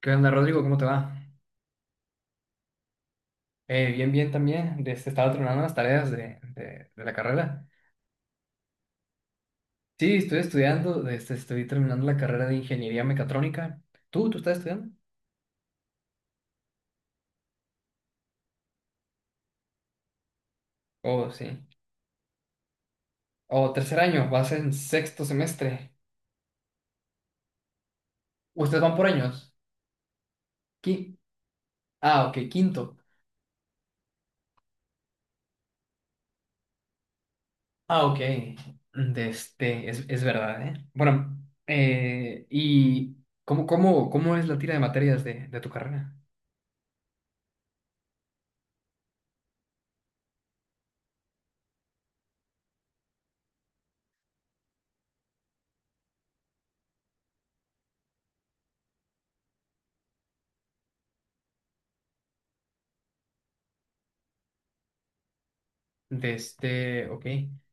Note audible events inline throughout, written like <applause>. ¿Qué onda, Rodrigo? ¿Cómo te va? Bien, bien también. Este, estaba terminando las tareas de la carrera. Sí, estoy estudiando, este, estoy terminando la carrera de ingeniería mecatrónica. ¿Tú estás estudiando? Oh, sí. Oh, tercer año, vas en sexto semestre. ¿Ustedes van por años? Qui- ah, ok, quinto. Ah, ok. De este, es verdad, ¿eh? Bueno, ¿y cómo es la tira de materias de tu carrera? De este, ok.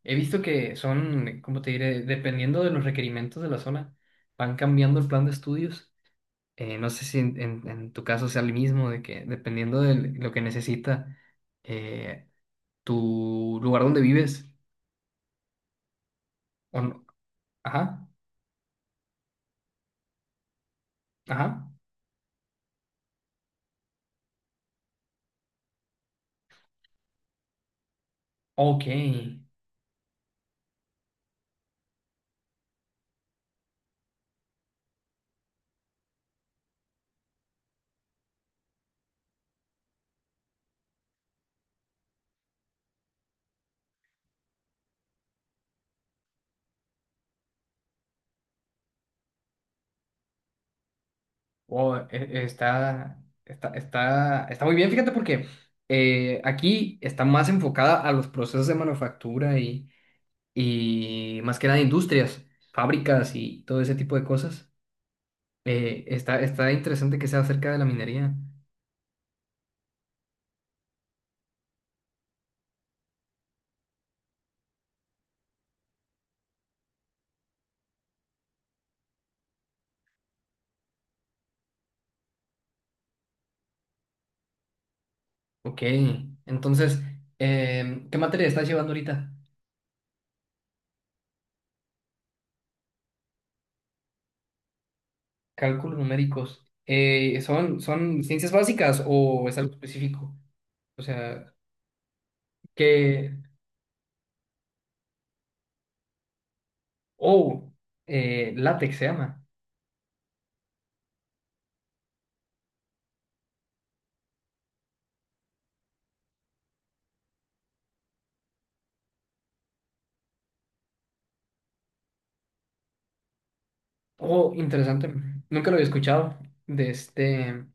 He visto que son, ¿cómo te diré? Dependiendo de los requerimientos de la zona, van cambiando el plan de estudios. No sé si en tu caso sea el mismo, de que dependiendo de lo que necesita eh, tu lugar donde vives. O no. Ajá, ajá. Ok. Oh, está muy bien, fíjate, porque aquí está más enfocada a los procesos de manufactura y más que nada industrias, fábricas y todo ese tipo de cosas. Está interesante que sea acerca de la minería. Ok, entonces, ¿qué materia estás llevando ahorita? Cálculos numéricos. ¿Son ciencias básicas o es algo específico? O sea, que... Oh, látex se llama. Oh, interesante. Nunca lo había escuchado. De este...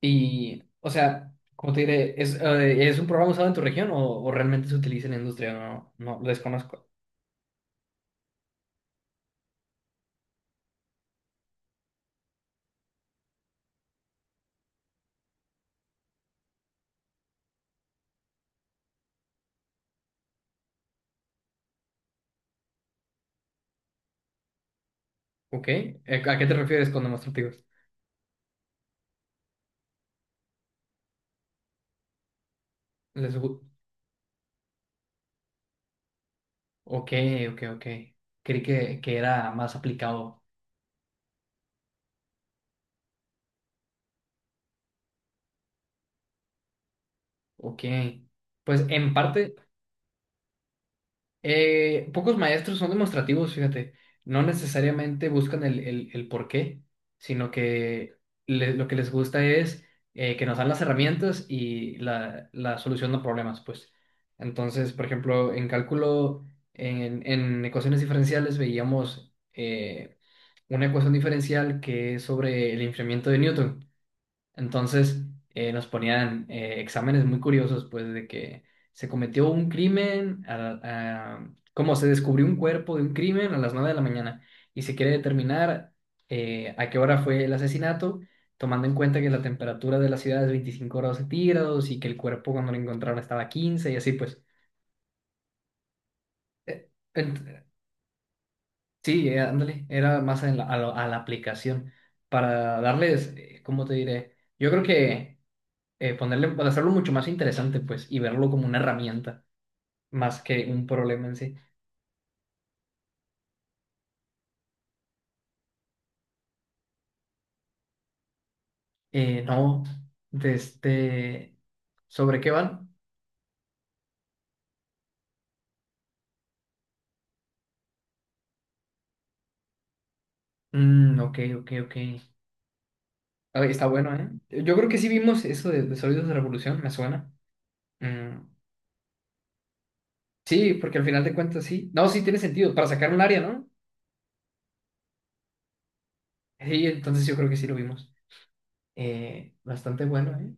Y, o sea, como te diré, ¿es un programa usado en tu región o realmente se utiliza en la industria? No, no, lo desconozco. ¿Ok? ¿A qué te refieres con demostrativos? Les gu- Ok, ok, ok. Creí que era más aplicado. Ok. Pues en parte, pocos maestros son demostrativos, fíjate. No necesariamente buscan el por qué, sino que lo que les gusta es que nos dan las herramientas y la solución a problemas, pues. Entonces, por ejemplo, en cálculo, en ecuaciones diferenciales veíamos una ecuación diferencial que es sobre el enfriamiento de Newton. Entonces nos ponían exámenes muy curiosos, pues de que se cometió un crimen, como se descubrió un cuerpo de un crimen a las 9 de la mañana y se quiere determinar a qué hora fue el asesinato, tomando en cuenta que la temperatura de la ciudad es 25 grados centígrados y que el cuerpo cuando lo encontraron estaba a 15 y así pues. Eh, ent- sí, ándale, era más en a la aplicación para darles, ¿cómo te diré? Yo creo que... ponerle, pues, hacerlo mucho más interesante, pues, y verlo como una herramienta más que un problema en sí. No, de este, ¿sobre qué van? Mm, ok, ok, ok. Ah, está bueno, ¿eh? Yo creo que sí vimos eso de Sólidos de Revolución, me suena. Mm, sí, porque al final de cuentas sí. No, sí tiene sentido, para sacar un área, ¿no? Sí, entonces yo creo que sí lo vimos. Bastante bueno, ¿eh?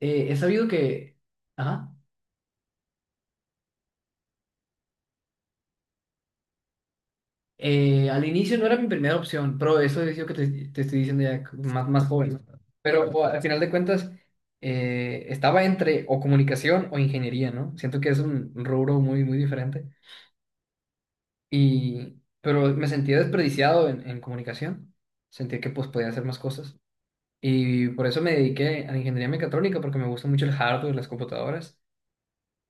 He sabido que... Ajá. Al inicio no era mi primera opción, pero eso es lo que te estoy diciendo ya más joven, ¿no? Pero o, al final de cuentas, estaba entre o comunicación o ingeniería, ¿no? Siento que es un rubro muy, muy diferente. Y, pero me sentía desperdiciado en comunicación. Sentía que pues podía hacer más cosas. Y por eso me dediqué a la ingeniería mecatrónica, porque me gusta mucho el hardware, las computadoras.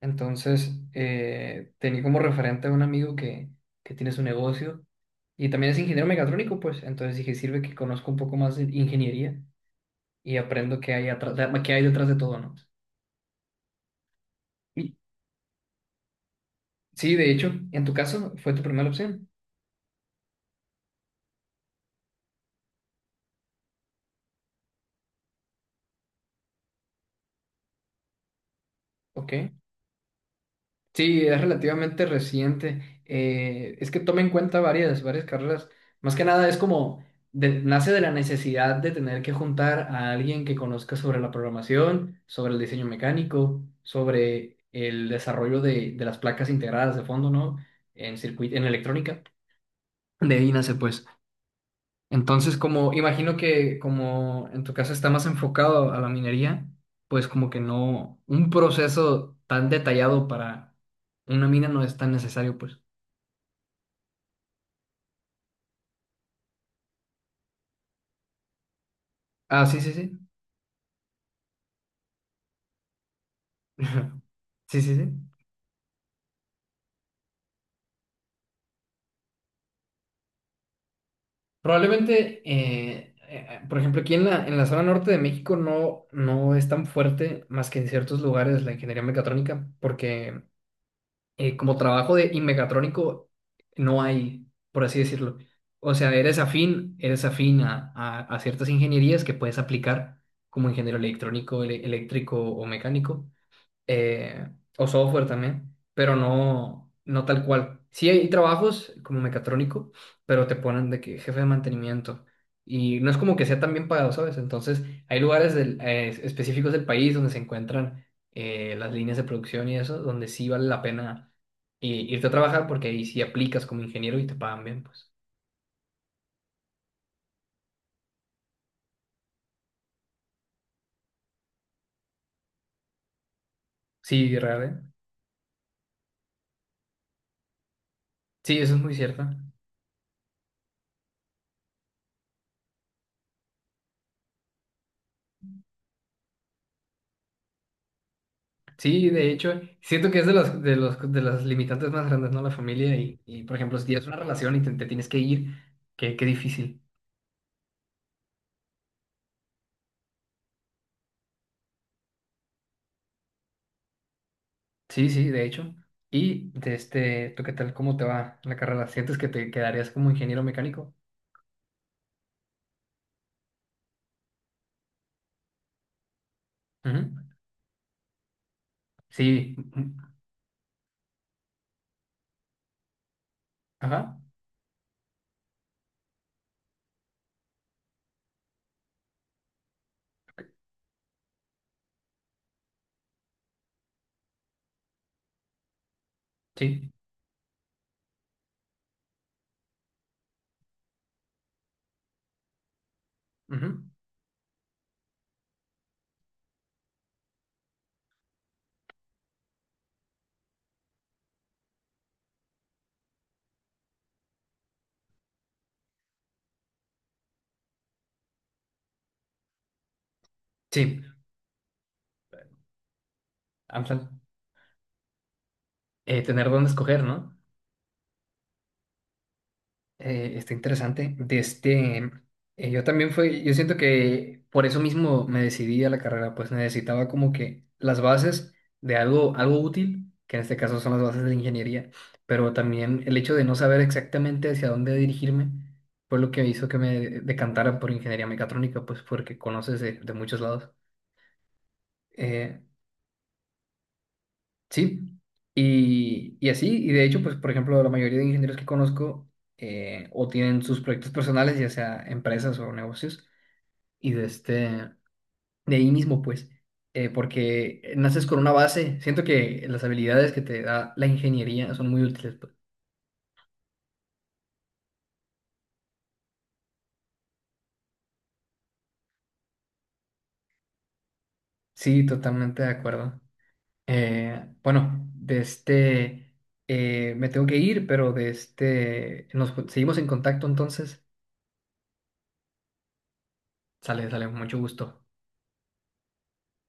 Entonces, tenía como referente a un amigo que tiene su negocio y también es ingeniero mecatrónico, pues. Entonces dije, sirve que conozco un poco más de ingeniería y aprendo qué hay atrás, qué hay detrás de todo, ¿no? Y sí, de hecho, en tu caso fue tu primera opción, ¿ok? Sí, es relativamente reciente. Es que toma en cuenta varias carreras. Más que nada es como, nace de la necesidad de tener que juntar a alguien que conozca sobre la programación, sobre el diseño mecánico, sobre el desarrollo de las placas integradas de fondo, ¿no? En circuito, en electrónica. De ahí nace, pues. Entonces, como imagino que como en tu caso está más enfocado a la minería, pues como que no, un proceso tan detallado para una mina no es tan necesario, pues. Ah, sí, sí, sí. <laughs> Sí, sí, sí. Probablemente, por ejemplo, aquí en la zona norte de México no es tan fuerte más que en ciertos lugares la ingeniería mecatrónica, porque como trabajo de y mecatrónico no hay, por así decirlo. O sea, eres afín a ciertas ingenierías que puedes aplicar como ingeniero electrónico, eléctrico o mecánico, eh, o software también, pero no tal cual. Sí hay trabajos como mecatrónico, pero te ponen de que jefe de mantenimiento y no es como que sea tan bien pagado, ¿sabes? Entonces hay lugares específicos del país donde se encuentran las líneas de producción y eso, donde sí vale la pena irte a trabajar porque ahí sí aplicas como ingeniero y te pagan bien, pues. Sí, real, ¿eh? Sí, eso es muy cierto. Sí, de hecho, siento que es de las, de los, de las limitantes más grandes, ¿no? La familia por ejemplo, si tienes una relación y te tienes que ir, qué difícil. Sí, sí, de hecho. Y de este, ¿tú qué tal? ¿Cómo te va la carrera? ¿Sientes que te quedarías como ingeniero mecánico? Ujú. Sí, ujú. Ajá. Sí, ujú. Sí. Amsal. Tener dónde escoger, ¿no? Está interesante. De este, yo también fue, yo siento que por eso mismo me decidí a la carrera, pues necesitaba como que las bases de algo, algo útil, que en este caso son las bases de la ingeniería, pero también el hecho de no saber exactamente hacia dónde dirigirme fue lo que hizo que me decantara por ingeniería mecatrónica, pues porque conoces de muchos lados. Eh, Sí, y así, y de hecho, pues, por ejemplo, la mayoría de ingenieros que conozco o tienen sus proyectos personales, ya sea empresas o negocios, y de este, de ahí mismo, pues, porque naces con una base, siento que las habilidades que te da la ingeniería son muy útiles, pues. Sí, totalmente de acuerdo. Bueno, de este, me tengo que ir, pero de este, nos seguimos en contacto entonces. Sale, sale, mucho gusto.